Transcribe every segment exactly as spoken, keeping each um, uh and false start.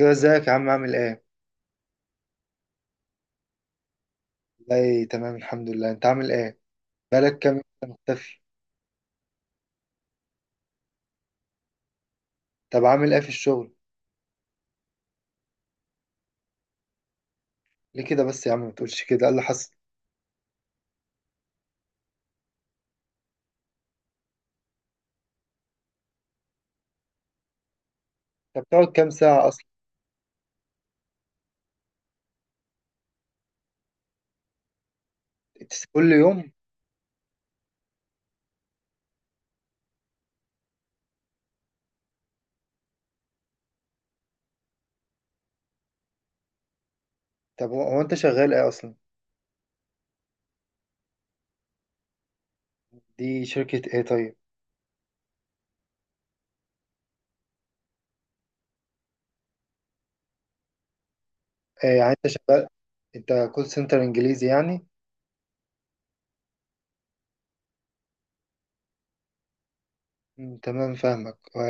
ايوه، ازيك يا عم؟ عامل ايه؟ والله تمام الحمد لله، انت عامل ايه؟ بقالك كام يوم إنت مختفي؟ طب عامل ايه في الشغل؟ ليه كده بس يا عم؟ ما تقولش كده، ايه اللي حصل؟ طب بتقعد كام ساعه اصلا؟ إتس كل يوم؟ طب هو هو انت شغال ايه اصلا؟ دي شركه ايه طيب؟ إيه يعني انت شغال؟ انت كول سنتر انجليزي يعني؟ مم، تمام فاهمك و...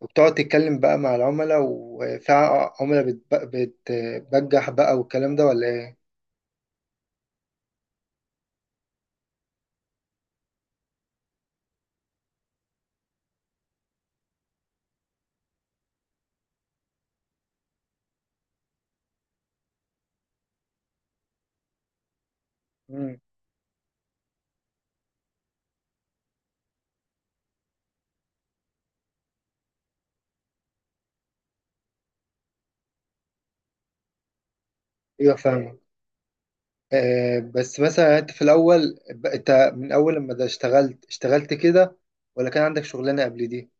وبتقعد تتكلم بقى مع العملاء، وفي ع- عملاء بتب- بتبجح بقى والكلام ده ولا ايه؟ مم، ايوه فاهمك. آه، بس مثلا يعني انت في الاول ب- انت من اول لما ده اشتغلت اشتغلت كده، ولا كان عندك شغلانه قبل دي؟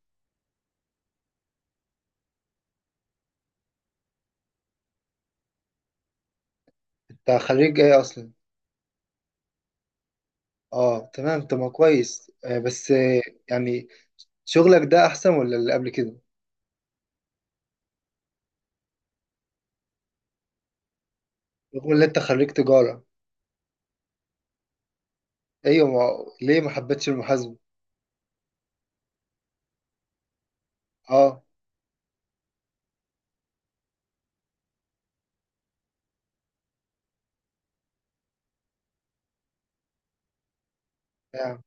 انت خريج ايه اصلا؟ اه تمام تمام كويس، آه، بس آه، يعني شغلك ده احسن ولا اللي قبل كده؟ رغم ان انت خريج تجاره؟ ايوه ما... ليه ما حبيتش المحاسبه؟ اه يعني.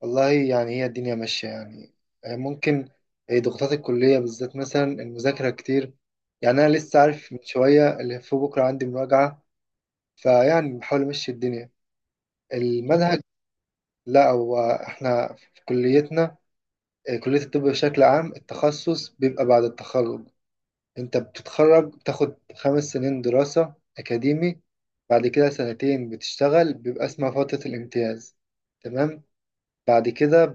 والله يعني هي الدنيا ماشيه يعني. آه، ممكن. آه، ضغوطات الكليه بالذات، مثلا المذاكره كتير. يعني انا لسه عارف من شويه اللي في بكره عندي مراجعه، فيعني بحاول امشي الدنيا، المنهج. لا، هو احنا في كليتنا، آه، كلية الطب بشكل عام التخصص بيبقى بعد التخرج. انت بتتخرج، بتاخد خمس سنين دراسة أكاديمي. بعد كده سنتين بتشتغل، بيبقى اسمها فترة الامتياز، تمام. بعد كده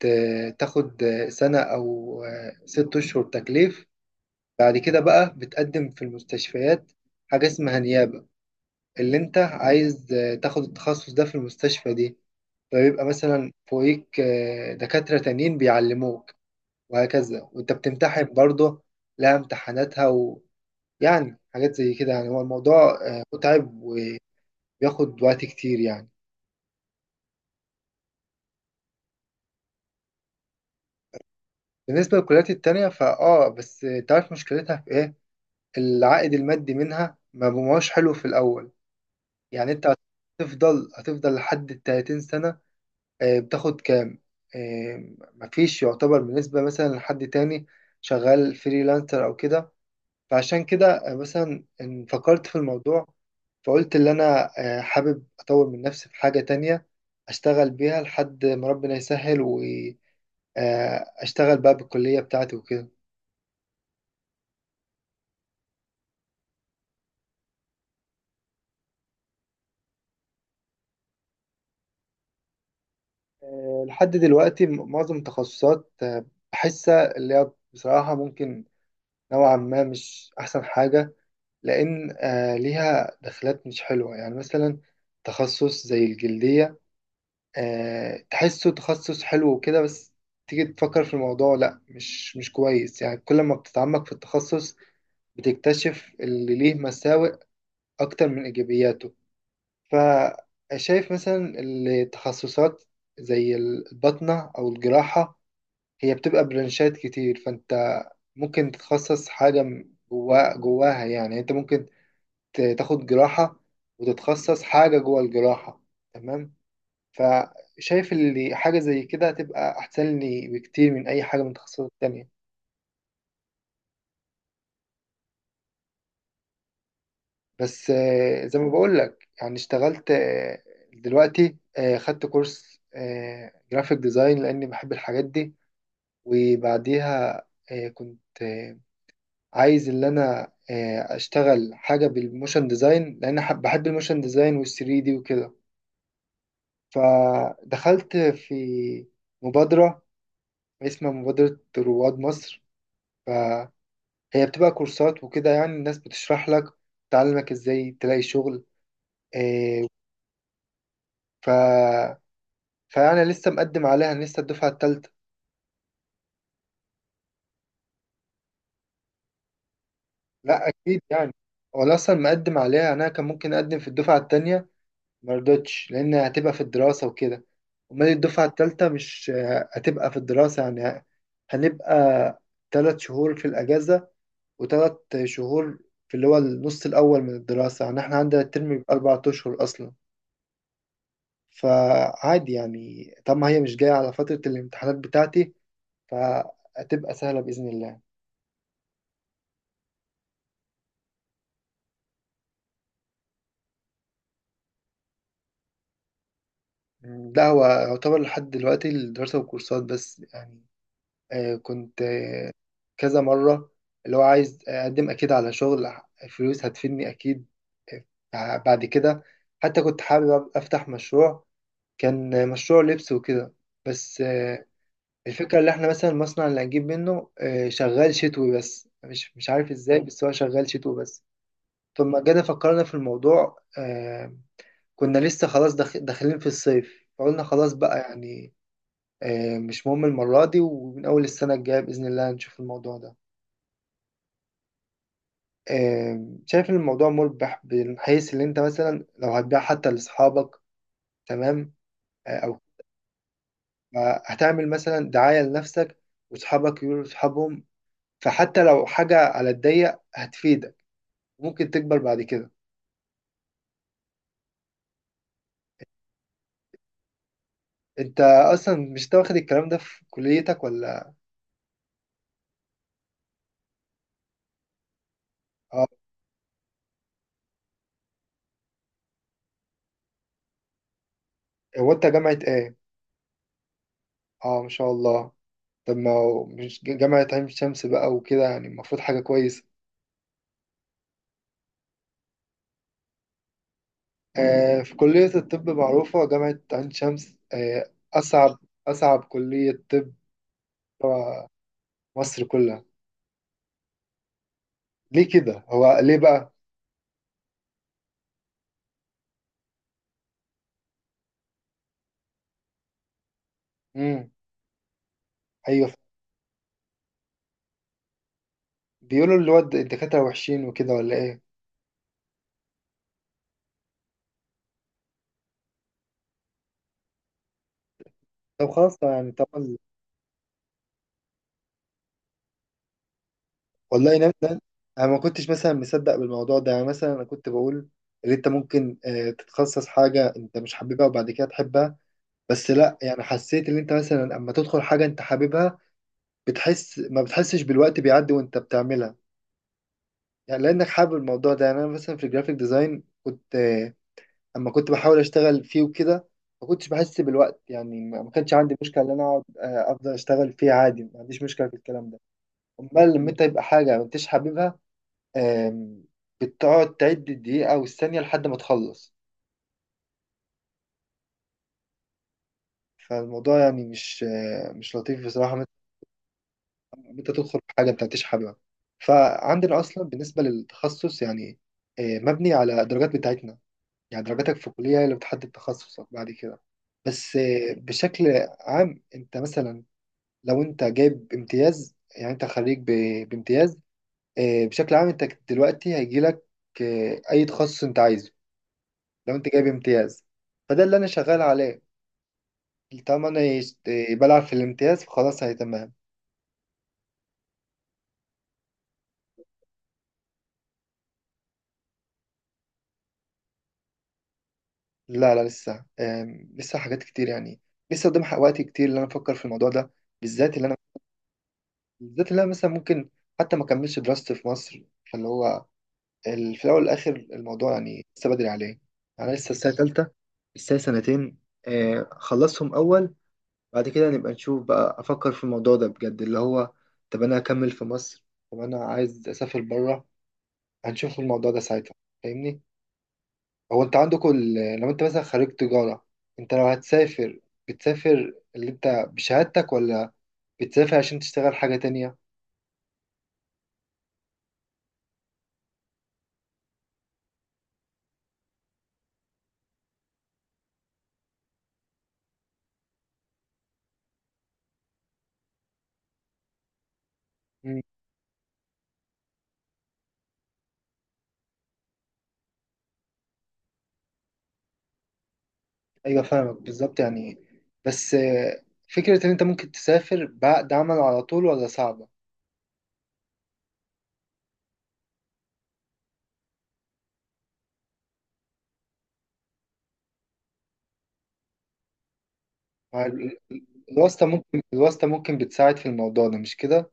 بتاخد سنة أو آه، ست أشهر تكليف. بعد كده بقى بتقدم في المستشفيات، حاجة اسمها نيابة، اللي انت عايز آه، تاخد التخصص ده في المستشفى دي. فبيبقى مثلا فوقيك آه، دكاترة تانيين بيعلموك، وهكذا، وانت بتمتحن برضه، لها امتحاناتها. ويعني حاجات زي كده، يعني هو الموضوع آه، متعب، وبياخد وقت كتير يعني. بالنسبة للكليات التانية فآه بس آه، تعرف مشكلتها في ايه؟ العائد المادي منها ما بقاش حلو في الأول. يعني انت هتفضل هتفضل لحد التلاتين سنة. آه، بتاخد كام؟ آه، مفيش يعتبر بالنسبة مثلا لحد تاني شغال فريلانسر أو كده. فعشان كده آه، مثلا إن فكرت في الموضوع، فقلت اللي أنا آه، حابب أطور من نفسي في حاجة تانية، أشتغل بيها لحد ما ربنا يسهل، وأشتغل بقى بالكلية بتاعتي وكده. آه، لحد دلوقتي م- معظم التخصصات آه، بحسها اللي هي بصراحة، ممكن نوعا ما مش أحسن حاجة. لأن آه، ليها دخلات مش حلوة، يعني مثلا تخصص زي الجلدية، آه، تحسه تخصص حلو وكده، بس تيجي تفكر في الموضوع، لا مش مش كويس، يعني كل ما بتتعمق في التخصص بتكتشف اللي ليه مساوئ أكتر من إيجابياته. فشايف مثلا التخصصات زي الباطنة أو الجراحة، هي بتبقى برانشات كتير، فأنت ممكن تتخصص حاجة م- جوا جواها، يعني أنت ممكن ت- تاخد جراحة وتتخصص حاجة جوا الجراحة، تمام. فشايف اللي حاجة زي كده هتبقى أحسن لي بكتير من أي حاجة من التخصصات التانية. بس آه، زي ما بقول لك يعني اشتغلت آه، دلوقتي آه، خدت كورس جرافيك ديزاين لأني بحب الحاجات دي، وبعديها آه، كنت آه، عايز اللي أنا آه، أشتغل حاجة بالموشن ديزاين، لأن حب- بحب الموشن ديزاين والثري دي وكده. فدخلت في مبادرة اسمها مبادرة رواد مصر، هي بتبقى كورسات وكده، يعني الناس بتشرح لك، تعلمك ازاي تلاقي شغل إيه. ف... فانا لسه مقدم عليها، أنا لسه الدفعه الثالثه. لا اكيد يعني، وانا اصلا مقدم عليها، يعني انا كان ممكن اقدم في الدفعه الثانيه، ما رضتش لان هتبقى في الدراسه وكده. امال الدفعه الثالثه مش آه، هتبقى في الدراسه يعني؟ هنبقى ثلاث شهور في الاجازه، وثلاث شهور في اللي هو النص الاول من الدراسه، يعني احنا عندنا الترم بيبقى اربع اشهر اصلا. فعادي يعني، طب ما هي مش جاية على فترة الامتحانات بتاعتي، فهتبقى سهلة بإذن الله. مم. لا هو يعتبر لحد دلوقتي الدراسة والكورسات بس يعني. آه كنت آه كذا مرة، اللي هو عايز أقدم أكيد على شغل، فلوس هتفيدني أكيد. آه، بعد كده حتى كنت حابب أب- أفتح مشروع، كان مشروع لبس وكده. بس آه الفكرة اللي احنا مثلا المصنع اللي هنجيب منه آه شغال شتوي بس، مش مش عارف ازاي، بس هو شغال شتوي بس. ثم جينا فكرنا في الموضوع، آه كنا لسه خلاص داخ- داخلين في الصيف، فقلنا خلاص بقى يعني، آه مش مهم المرة دي، ومن أول السنة الجاية بإذن الله هنشوف الموضوع ده. آه شايف إن الموضوع مربح، من حيث إن أنت مثلا لو هتبيع حتى لأصحابك، تمام، آه أو هتعمل مثلا دعاية لنفسك، وأصحابك يقولوا لأصحابهم، فحتى لو حاجة على الضيق هتفيدك، ممكن تكبر بعد كده. أنت أصلا مش تاخد الكلام ده في كليتك، ولا؟ آه، هو أنت جامعة إيه؟ اه ما شاء الله. طب ما هو مش ج- جامعة عين شمس بقى وكده، يعني المفروض حاجة كويسة. آه في كلية الطب معروفة جامعة عين شمس آه أصعب، أصعب كلية طب، آه، مصر كلها. ليه كده؟ هو ليه بقى؟ مم. أيوه، بيقولوا اللي هو الد- الدكاترة وحشين وكده، ولا إيه؟ طب خلاص، طب يعني طبعا. والله نفس ده، أنا ما كنتش مثلا مصدق بالموضوع ده، يعني مثلا أنا كنت بقول إن أنت ممكن آه تتخصص حاجة أنت مش حاببها وبعد كده تحبها. بس لا، يعني حسيت ان انت مثلا اما تدخل حاجه انت حاببها، بتحس ما بتحسش بالوقت بيعدي وانت بتعملها، يعني لانك حابب الموضوع ده. يعني انا مثلا في الجرافيك ديزاين كنت آه، اما كنت بحاول اشتغل فيه وكده، ما كنتش بحس بالوقت، يعني ما ما كانش عندي مشكله ان انا اقعد آه، افضل اشتغل فيه عادي، ما عنديش مشكله في الكلام ده. امال لما انت يبقى حاجه ما انتش حاببها، آم، بتقعد تعد الدقيقه والثانيه لحد ما تخلص. فالموضوع يعني مش آه، مش لطيف بصراحه، انت تدخل في حاجه انت مش حاببها. فعندنا اصلا بالنسبه للتخصص يعني، آه، مبني على الدرجات بتاعتنا، يعني درجاتك في الكليه هي اللي بتحدد تخصصك بعد كده. بس آه، بشكل عام انت مثلا لو انت جايب امتياز، يعني انت خريج ب- بامتياز. آه، بشكل عام انت دلوقتي هيجي لك آه، اي تخصص انت عايزه لو انت جايب امتياز. فده اللي انا شغال عليه، طالما انا يش- آه، بلعب في الامتياز فخلاص هي تمام. لا لا لسه، آم، لسه حاجات كتير يعني، لسه قدام حق- وقت كتير اللي انا افكر في الموضوع ده، بالذات اللي انا بالذات اللي انا مثلا ممكن حتى ما اكملش دراستي في مصر. فاللي هو ال- في الاول والاخر الموضوع يعني لسه بدري عليه، انا لسه السنه ثالثه، لسه سنتين، آه، خلصهم اول، بعد كده نبقى نشوف بقى، افكر في الموضوع ده بجد اللي هو طب انا اكمل في مصر، طب انا عايز اسافر بره، هنشوف الموضوع ده ساعتها. فاهمني؟ هو انت عندكم ال- لو انت مثلا خريج تجارة، انت لو هتسافر، بتسافر اللي انت بشهادتك، ولا بتسافر عشان تشتغل حاجة تانية؟ مم. ايوه فاهمك بالظبط يعني. بس آه، فكرة ان انت ممكن تسافر بعقد عمل على طول ولا صعبة؟ مع ال- ال- الواسطة ممكن الواسطة ممكن بتساعد في الموضوع ده، مش كده؟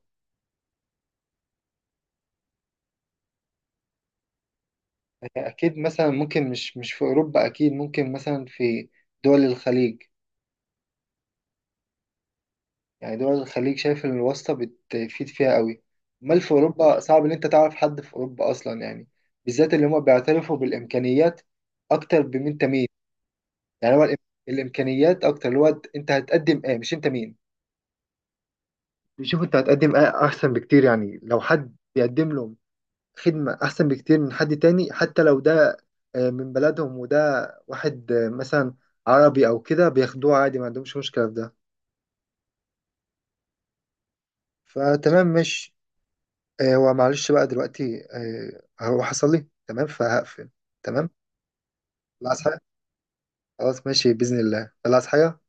يعني أكيد مثلا ممكن مش مش في أوروبا، أكيد ممكن مثلا في دول الخليج. يعني دول الخليج شايف ان الواسطة بتفيد فيها قوي، امال في اوروبا صعب ان انت تعرف حد في اوروبا اصلا يعني، بالذات اللي هم بيعترفوا بالامكانيات اكتر، بمين انت مين. يعني هو الإم- الامكانيات اكتر، اللي هو انت هتقدم ايه مش انت مين، بيشوف انت هتقدم ايه احسن بكتير، يعني لو حد بيقدم لهم خدمة احسن بكتير من حد تاني، حتى لو ده آه، من بلدهم وده واحد آه، مثلا عربي او كده بياخدوه عادي، ما عندهمش مشكلة في ده. فتمام ماشي. آه، هو معلش بقى دلوقتي، آه، هو حصل لي تمام فهقفل. تمام، خلاص حاجة، خلاص ماشي بإذن الله، خلاص حاجة.